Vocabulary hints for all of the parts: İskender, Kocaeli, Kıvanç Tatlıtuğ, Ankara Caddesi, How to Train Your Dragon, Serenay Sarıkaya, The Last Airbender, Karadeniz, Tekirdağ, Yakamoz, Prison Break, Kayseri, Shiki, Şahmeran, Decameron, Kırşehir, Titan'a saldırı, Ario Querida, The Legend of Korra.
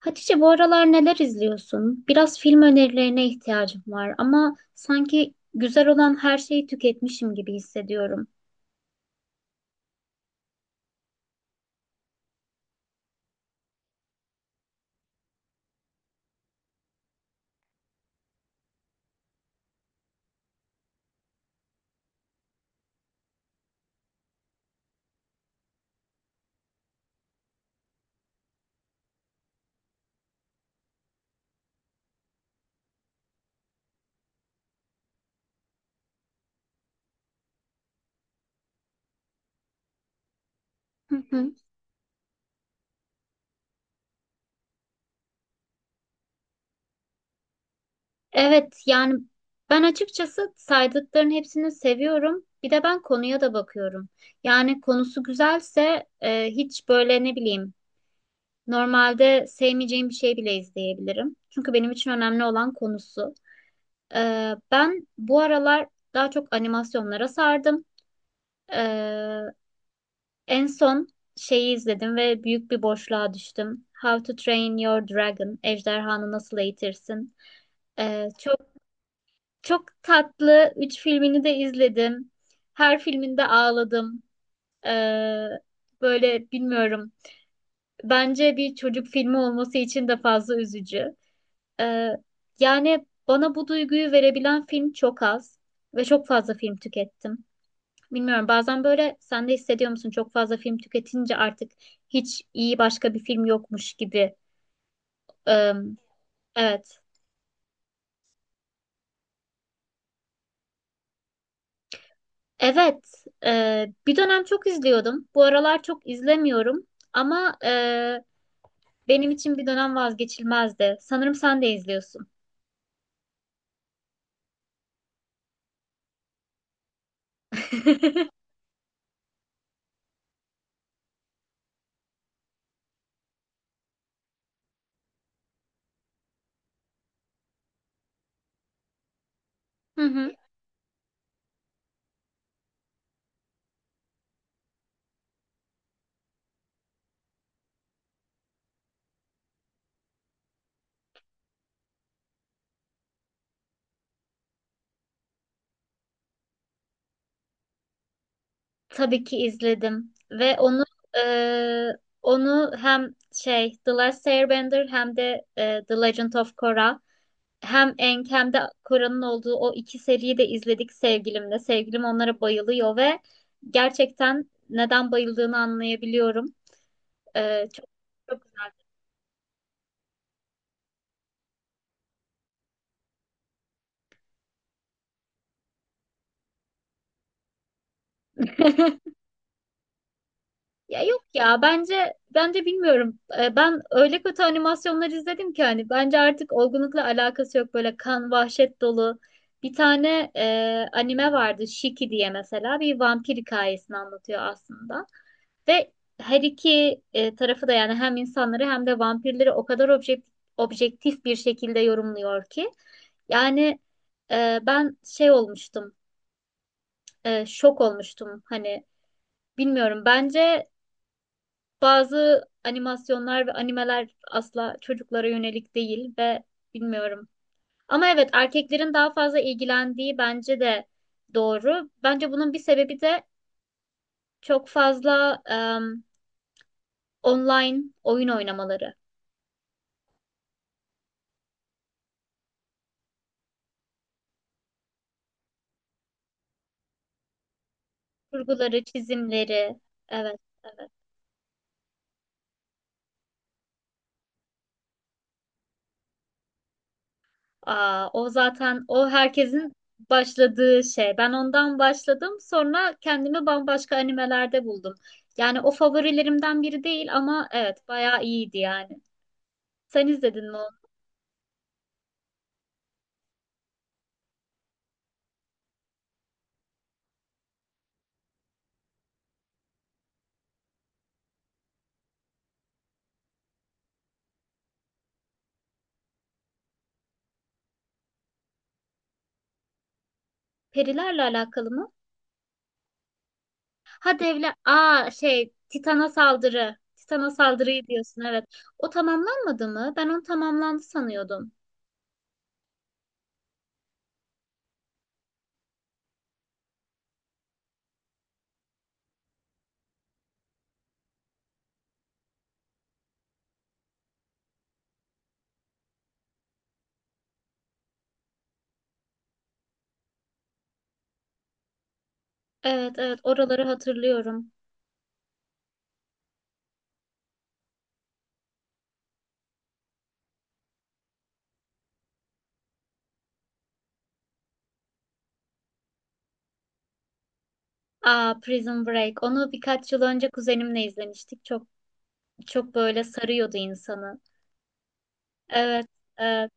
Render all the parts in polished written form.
Hatice, bu aralar neler izliyorsun? Biraz film önerilerine ihtiyacım var ama sanki güzel olan her şeyi tüketmişim gibi hissediyorum. Hı hı. Evet, yani ben açıkçası saydıkların hepsini seviyorum. Bir de ben konuya da bakıyorum. Yani konusu güzelse, hiç böyle, ne bileyim, normalde sevmeyeceğim bir şey bile izleyebilirim. Çünkü benim için önemli olan konusu. Ben bu aralar daha çok animasyonlara sardım. E, En son şeyi izledim ve büyük bir boşluğa düştüm. How to Train Your Dragon, Ejderhanı Nasıl Eğitirsin. Ee, çok çok tatlı. Üç filmini de izledim. Her filminde ağladım. Ee, Böyle, bilmiyorum. Bence bir çocuk filmi olması için de fazla üzücü. Ee, Yani bana bu duyguyu verebilen film çok az ve çok fazla film tükettim. Bilmiyorum, bazen böyle sen de hissediyor musun çok fazla film tüketince artık hiç iyi başka bir film yokmuş gibi. Eee, evet. Evet. Bir dönem çok izliyordum. Bu aralar çok izlemiyorum, ama benim için bir dönem vazgeçilmezdi. Sanırım sen de izliyorsun. Hı hı. Tabii ki izledim, ve onu eee, onu hem şey The Last Airbender hem de The Legend of Korra. Hem Enkem'de Kora'nın olduğu o iki seriyi de izledik sevgilimle. Sevgilim onlara bayılıyor ve gerçekten neden bayıldığını anlayabiliyorum. Çok çok güzel. Ya yok ya, bence, bilmiyorum. Ben öyle kötü animasyonlar izledim ki, hani bence artık olgunlukla alakası yok, böyle kan vahşet dolu. Bir tane anime vardı, Shiki diye, mesela bir vampir hikayesini anlatıyor aslında. Ve her iki tarafı da, yani hem insanları hem de vampirleri o kadar objektif bir şekilde yorumluyor ki. Yani ben şok olmuştum. Hani, bilmiyorum, bence bazı animasyonlar ve animeler asla çocuklara yönelik değil ve bilmiyorum. Ama evet, erkeklerin daha fazla ilgilendiği bence de doğru. Bence bunun bir sebebi de çok fazla online oyun oynamaları. Kurguları, çizimleri. Evet, evet. Aa, o zaten o herkesin başladığı şey. Ben ondan başladım. Sonra kendimi bambaşka animelerde buldum. Yani o favorilerimden biri değil, ama evet bayağı iyiydi yani. Sen izledin mi onu? Perilerle alakalı mı? Ha devlet. Aa şey, Titan'a saldırı. Titan'a saldırıyı diyorsun, evet. O tamamlanmadı mı? Ben onu tamamlandı sanıyordum. Evet evet, oraları hatırlıyorum. Aa, Prison Break. Onu birkaç yıl önce kuzenimle izlemiştik. Çok böyle sarıyordu insanı. Evet, evet,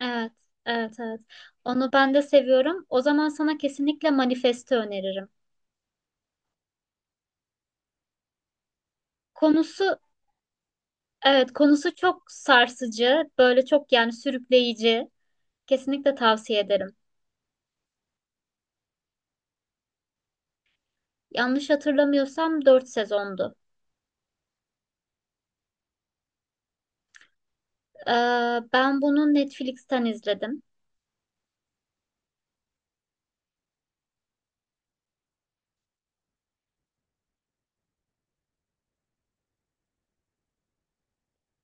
evet, evet, evet. Onu ben de seviyorum. O zaman sana kesinlikle Manifest'i öneririm. Konusu, evet, konusu çok sarsıcı, böyle çok, yani sürükleyici. Kesinlikle tavsiye ederim. Yanlış hatırlamıyorsam 4 sezondu. Ee, Ben bunu Netflix'ten izledim.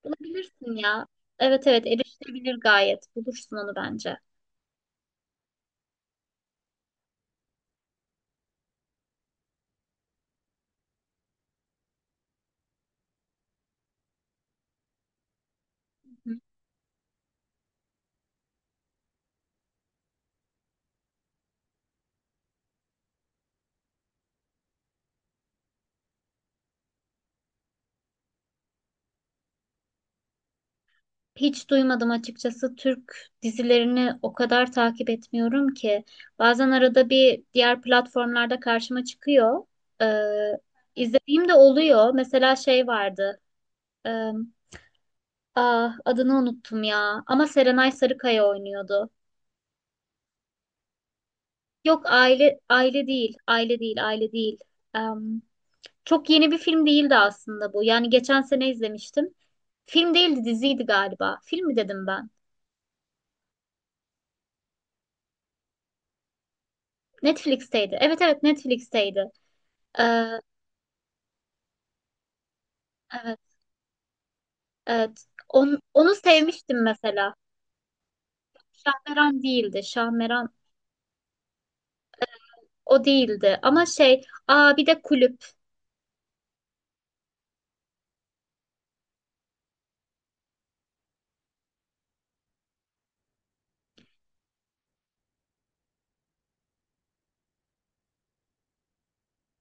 Bulabilirsin ya. Evet evet, erişilebilir gayet. Bulursun onu bence. Hı. Hiç duymadım açıkçası. Türk dizilerini o kadar takip etmiyorum ki. Bazen arada bir diğer platformlarda karşıma çıkıyor. Ee, izlediğim de oluyor. Mesela şey vardı. Ee, ah, adını unuttum ya. Ama Serenay Sarıkaya oynuyordu. Yok, aile aile değil. Aile değil. Aile değil. Ee, Çok yeni bir film değildi aslında bu. Yani geçen sene izlemiştim. Film değildi, diziydi galiba. Film mi dedim ben? Netflix'teydi. Evet evet, Netflix'teydi. Ee, Evet, evet. Onu sevmiştim mesela. Şahmeran değildi. Şahmeran o değildi. Ama şey, aa bir de Kulüp.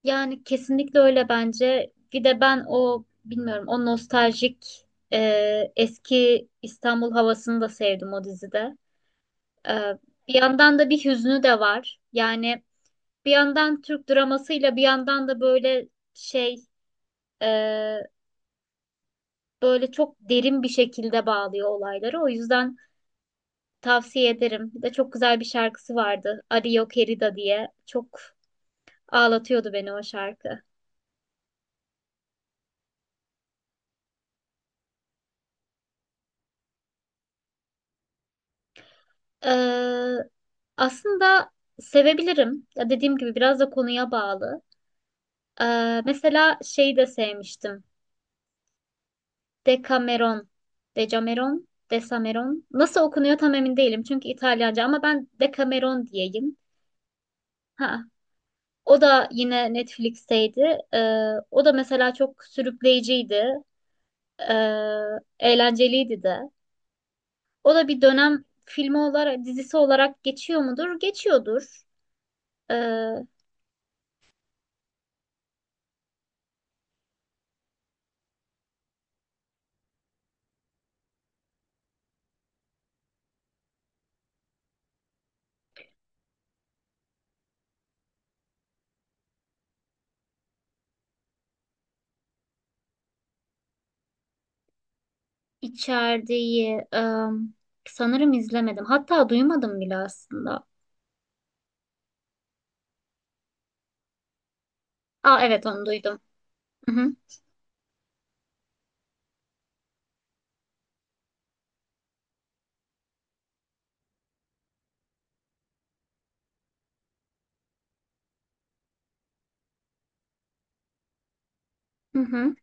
Yani kesinlikle öyle bence. Bir de ben, o bilmiyorum, o nostaljik eski İstanbul havasını da sevdim o dizide. E, Bir yandan da bir hüznü de var. Yani bir yandan Türk dramasıyla, bir yandan da böyle şey, e, böyle çok derin bir şekilde bağlıyor olayları. O yüzden tavsiye ederim. Bir de çok güzel bir şarkısı vardı, Ario Querida diye. Çok ağlatıyordu beni o şarkı. Ee, aslında sevebilirim. Ya dediğim gibi biraz da konuya bağlı. Mesela şeyi de sevmiştim. Decameron. Decameron. Desameron. Nasıl okunuyor tam emin değilim. Çünkü İtalyanca, ama ben Decameron diyeyim. Ha. O da yine Netflix'teydi. O da mesela çok sürükleyiciydi. Ee, eğlenceliydi de. O da bir dönem filmi olarak, dizisi olarak geçiyor mudur? Geçiyordur. Ee, içeriği sanırım izlemedim. Hatta duymadım bile aslında. Aa evet, onu duydum. Hı hı, hı hı,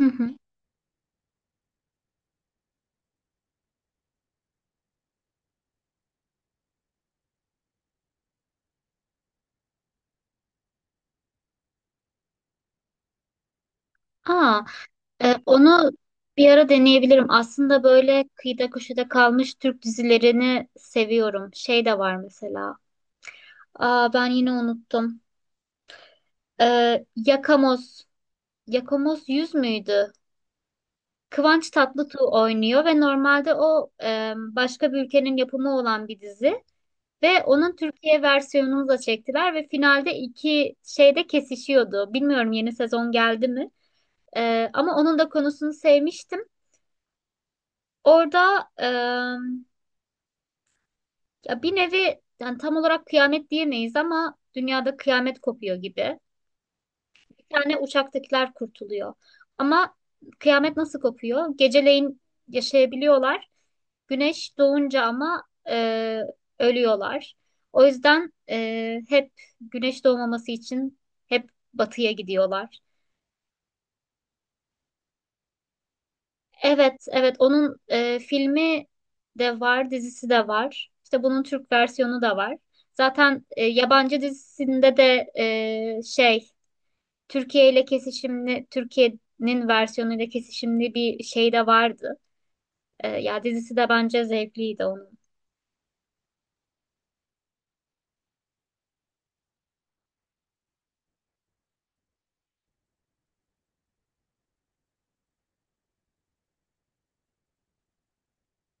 hı hı. Aa, onu bir ara deneyebilirim. Aslında böyle kıyıda köşede kalmış Türk dizilerini seviyorum. Şey de var mesela. Aa ben yine unuttum. Yakamoz. Yakamoz 100 müydü? Kıvanç Tatlıtuğ oynuyor ve normalde o başka bir ülkenin yapımı olan bir dizi, ve onun Türkiye versiyonunu da çektiler ve finalde iki şeyde kesişiyordu. Bilmiyorum yeni sezon geldi mi? Ama onun da konusunu sevmiştim. Orada, ya bir nevi, yani tam olarak kıyamet diyemeyiz, ama dünyada kıyamet kopuyor gibi. Tane uçaktakiler kurtuluyor. Ama kıyamet nasıl kopuyor? Geceleyin yaşayabiliyorlar. Güneş doğunca ama e, ölüyorlar. O yüzden hep güneş doğmaması için hep batıya gidiyorlar. Evet, evet, onun filmi de var, dizisi de var. İşte bunun Türk versiyonu da var. Zaten yabancı dizisinde de şey Türkiye ile kesişimli, Türkiye'nin versiyonuyla kesişimli bir şey de vardı. Ya dizisi de bence zevkliydi onun.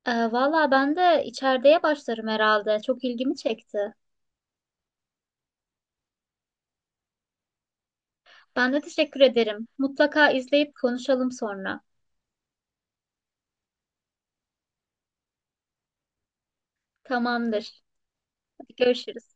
Valla ben de içerideye başlarım herhalde. Çok ilgimi çekti. Ben de teşekkür ederim. Mutlaka izleyip konuşalım sonra. Tamamdır. Hadi görüşürüz.